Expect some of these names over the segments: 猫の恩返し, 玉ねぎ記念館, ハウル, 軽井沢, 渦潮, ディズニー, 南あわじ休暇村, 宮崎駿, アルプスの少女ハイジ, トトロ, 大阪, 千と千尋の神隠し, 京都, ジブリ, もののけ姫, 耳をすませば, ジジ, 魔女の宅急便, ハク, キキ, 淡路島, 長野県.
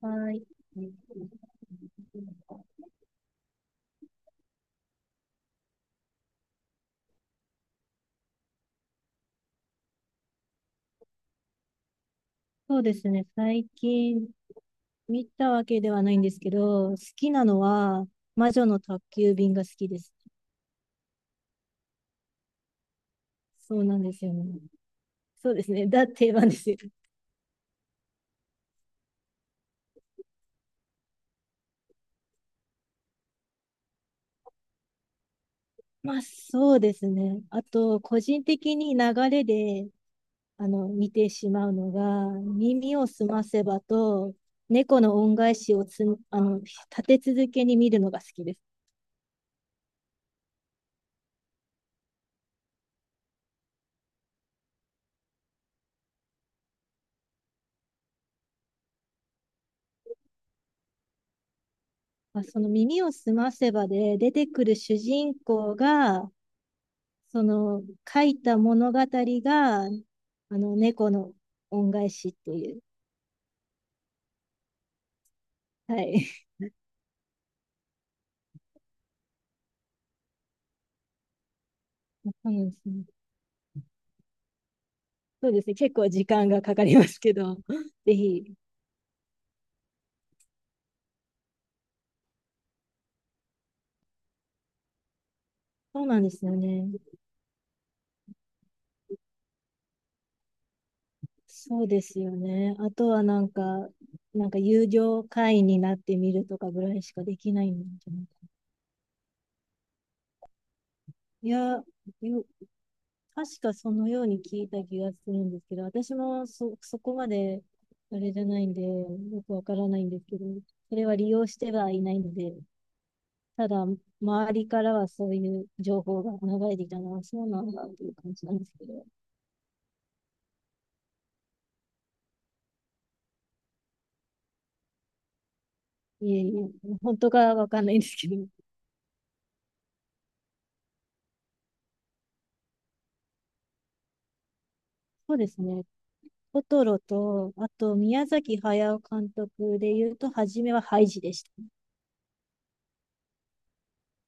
はい。そうですね。最近見たわけではないんですけど、好きなのは、魔女の宅急便が好きです。そうなんですよね。そうですね。だってなですよ。まあ、そうですね。あと、個人的に流れで、見てしまうのが、耳をすませばと、猫の恩返しを立て続けに見るのが好きです。まあ、その耳をすませばで出てくる主人公が、その書いた物語が、猫の恩返しっていう。はい。そうなんですね。そうですね。結構時間がかかりますけど、ぜひ。そうなんですよね。そうですよね。あとはなんか友情会員になってみるとかぐらいしかできないんじゃないかな。いや、よ確かそのように聞いた気がするんですけど、私もそこまであれじゃないんで、よくわからないんですけど、それは利用してはいないので、ただ、周りからはそういう情報が流れてきたのは、そうなんだっていう感じなんですけど、いえいえ、本当かわかんないんですけど、そうですね、トトロと、あと宮崎駿監督で言うと、初めはハイジでした。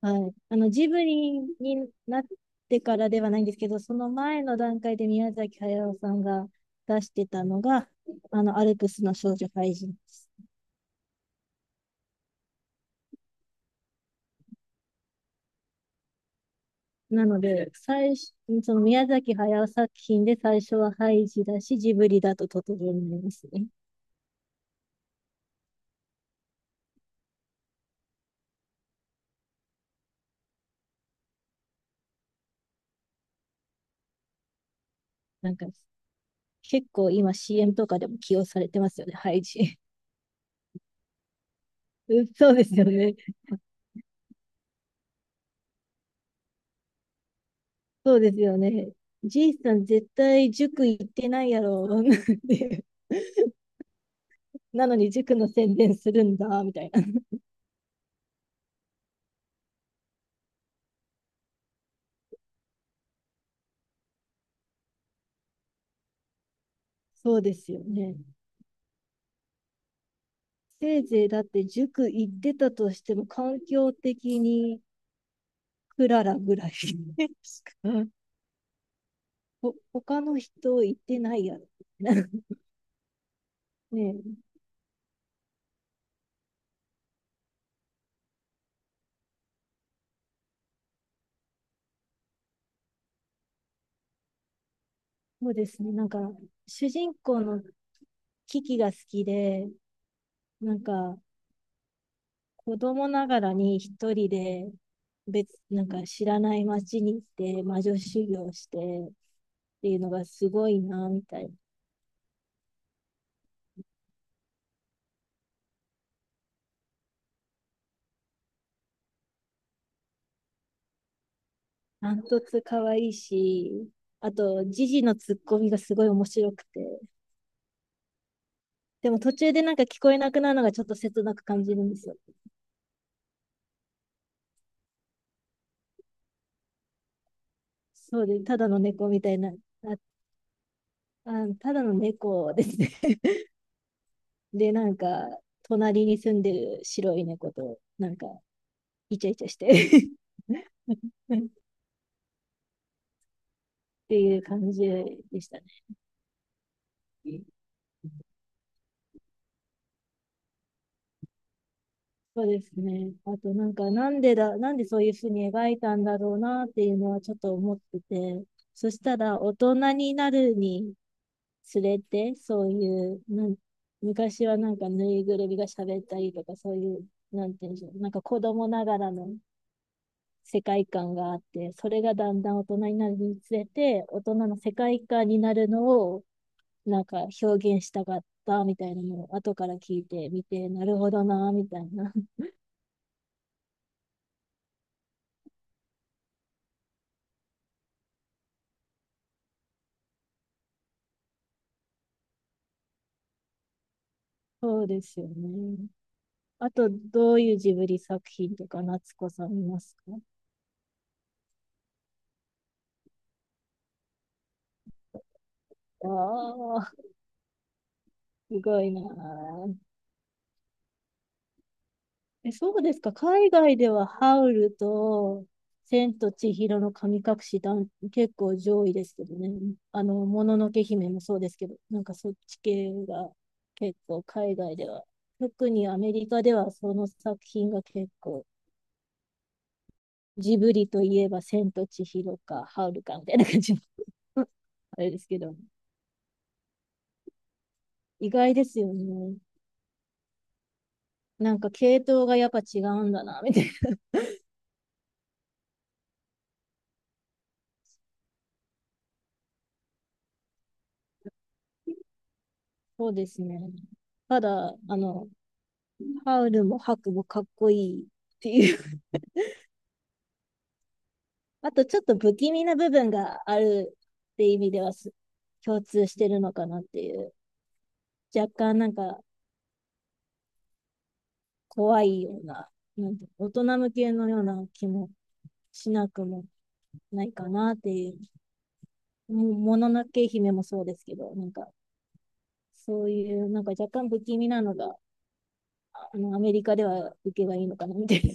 はい。ジブリになってからではないんですけど、その前の段階で宮崎駿さんが出してたのが、アルプスの少女ハイジです。なので、最初、その宮崎駿作品で最初はハイジだし、ジブリだとトトロになりますね。なんか、結構今 CM とかでも起用されてますよね、ハイジ。うん、そうですよね。そうですよね。じいさん絶対塾行ってないやろ っていう。なのに塾の宣伝するんだ、みたいな。そうですよね。せいぜいだって塾行ってたとしても環境的にクララぐらいし か他の人行ってないやろ。ね。そうですね。なんか、主人公のキキが好きで、なんか、子供ながらに一人で、なんか知らない街に行って魔女修行してっていうのがすごいな、みたいな。ダントツ可愛いし、あと、ジジのツッコミがすごい面白くて。でも途中でなんか聞こえなくなるのがちょっと切なく感じるんですよ。そうで、ただの猫みたいな、ああ、ただの猫ですね。で、なんか、隣に住んでる白い猫と、なんか、イチャイチャして っていう感じでしたね。そうですね。あと、なんか、なんでそういうふうに描いたんだろうなっていうのはちょっと思ってて、そしたら、大人になるにつれて、そういう、昔はなんか、ぬいぐるみが喋ったりとか、そういう、なんていうんでしょう、なんか子供ながらの世界観があって、それがだんだん大人になるにつれて、大人の世界観になるのを、なんか表現したかったみたいなのを後から聞いてみて、なるほどな、みたいな。そうですよね。あと、どういうジブリ作品とか、夏子さんいますか？ああー、すごいな。え、そうですか。海外ではハウルと千と千尋の神隠し結構上位ですけどね。もののけ姫もそうですけど、なんかそっち系が結構海外では。特にアメリカではその作品が結構、ジブリといえば千と千尋かハウルかみたいな感じの あれですけど、意外ですよね。なんか系統がやっぱ違うんだな、みたいな。そうですね。ただ、ハウルもハクもかっこいいっていう あとちょっと不気味な部分があるって意味では共通してるのかなっていう。若干なんか怖いような、なんて大人向けのような気もしなくもないかなっていう。もののけ姫もそうですけど、なんかそういうなんか若干不気味なのが、アメリカでは受けがいいのかなみたいな。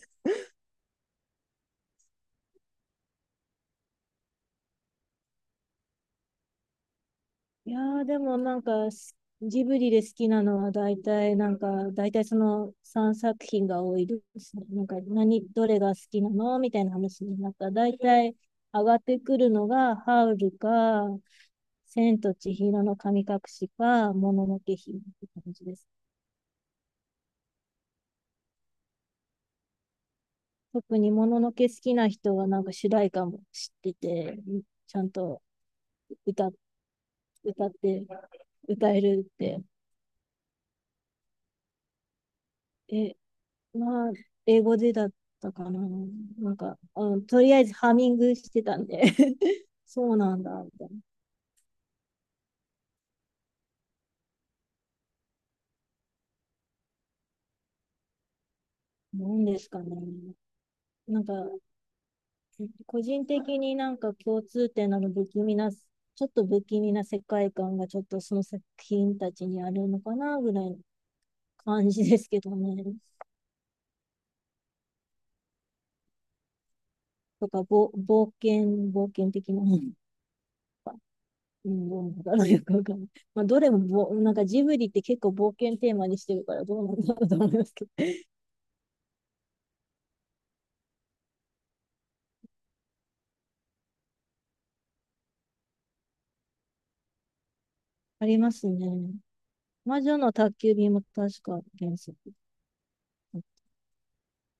いやーでもなんかジブリで好きなのは大体なんか大体その3作品が多いですね。なんかどれが好きなのみたいな話になっ大体上がってくるのがハウルか、千と千尋の神隠しか、もののけ姫って感じです。特にもののけ好きな人はなんか主題歌も知ってて、ちゃんと歌、歌って歌えるって、え、まあ、英語でだったかな。なんか、うん、とりあえずハミングしてたんで そうなんだ、みたいな。なんですかね。なんか、個人的になんか共通点なの不気味な、ちょっと不気味な世界観がちょっとその作品たちにあるのかな、ぐらいの感じですけどね。とか、冒険的な。うん、どうなんだろうよくわかんない。まあ、どれもなんかジブリって結構冒険テーマにしてるからどうなんだろうと思いますけど。ありますね。魔女の宅急便も確か原作。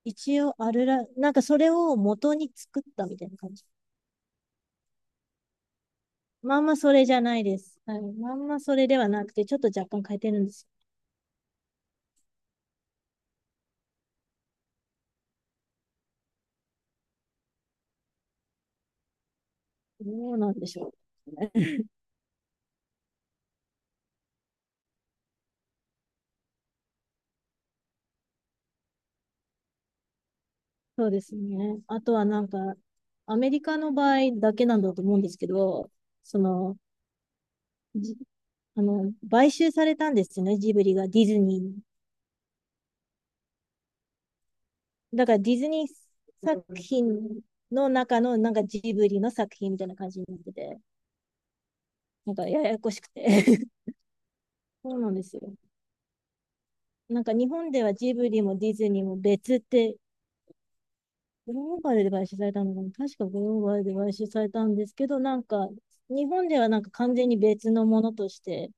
一応あるなんかそれを元に作ったみたいな感じ。まんまそれじゃないです。はい。まんまそれではなくて、ちょっと若干変えてるんですよ。どうなんでしょうね。そうですね。あとはなんか、アメリカの場合だけなんだと思うんですけど、その、じあの、買収されたんですよね、ジブリがディズニーに。だからディズニー作品の中のなんかジブリの作品みたいな感じになってて。なんかややこしくて そうなんですよ。なんか日本ではジブリもディズニーも別って、グローバルで買収されたのかな。確かグローバルで買収されたんですけど、なんか日本ではなんか完全に別のものとして、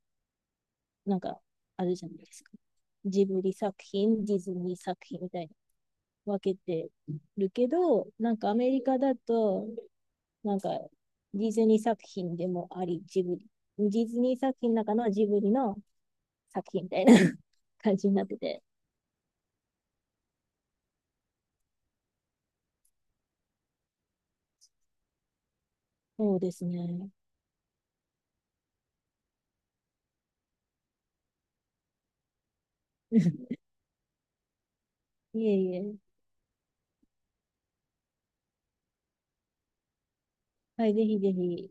なんかあるじゃないですか。ジブリ作品、ディズニー作品みたいに分けてるけど、なんかアメリカだと、なんかディズニー作品でもあり、ジブリ。ディズニー作品の中のジブリの作品みたいな 感じになってて、そうですね。いえいえ。はい、ぜひぜひ、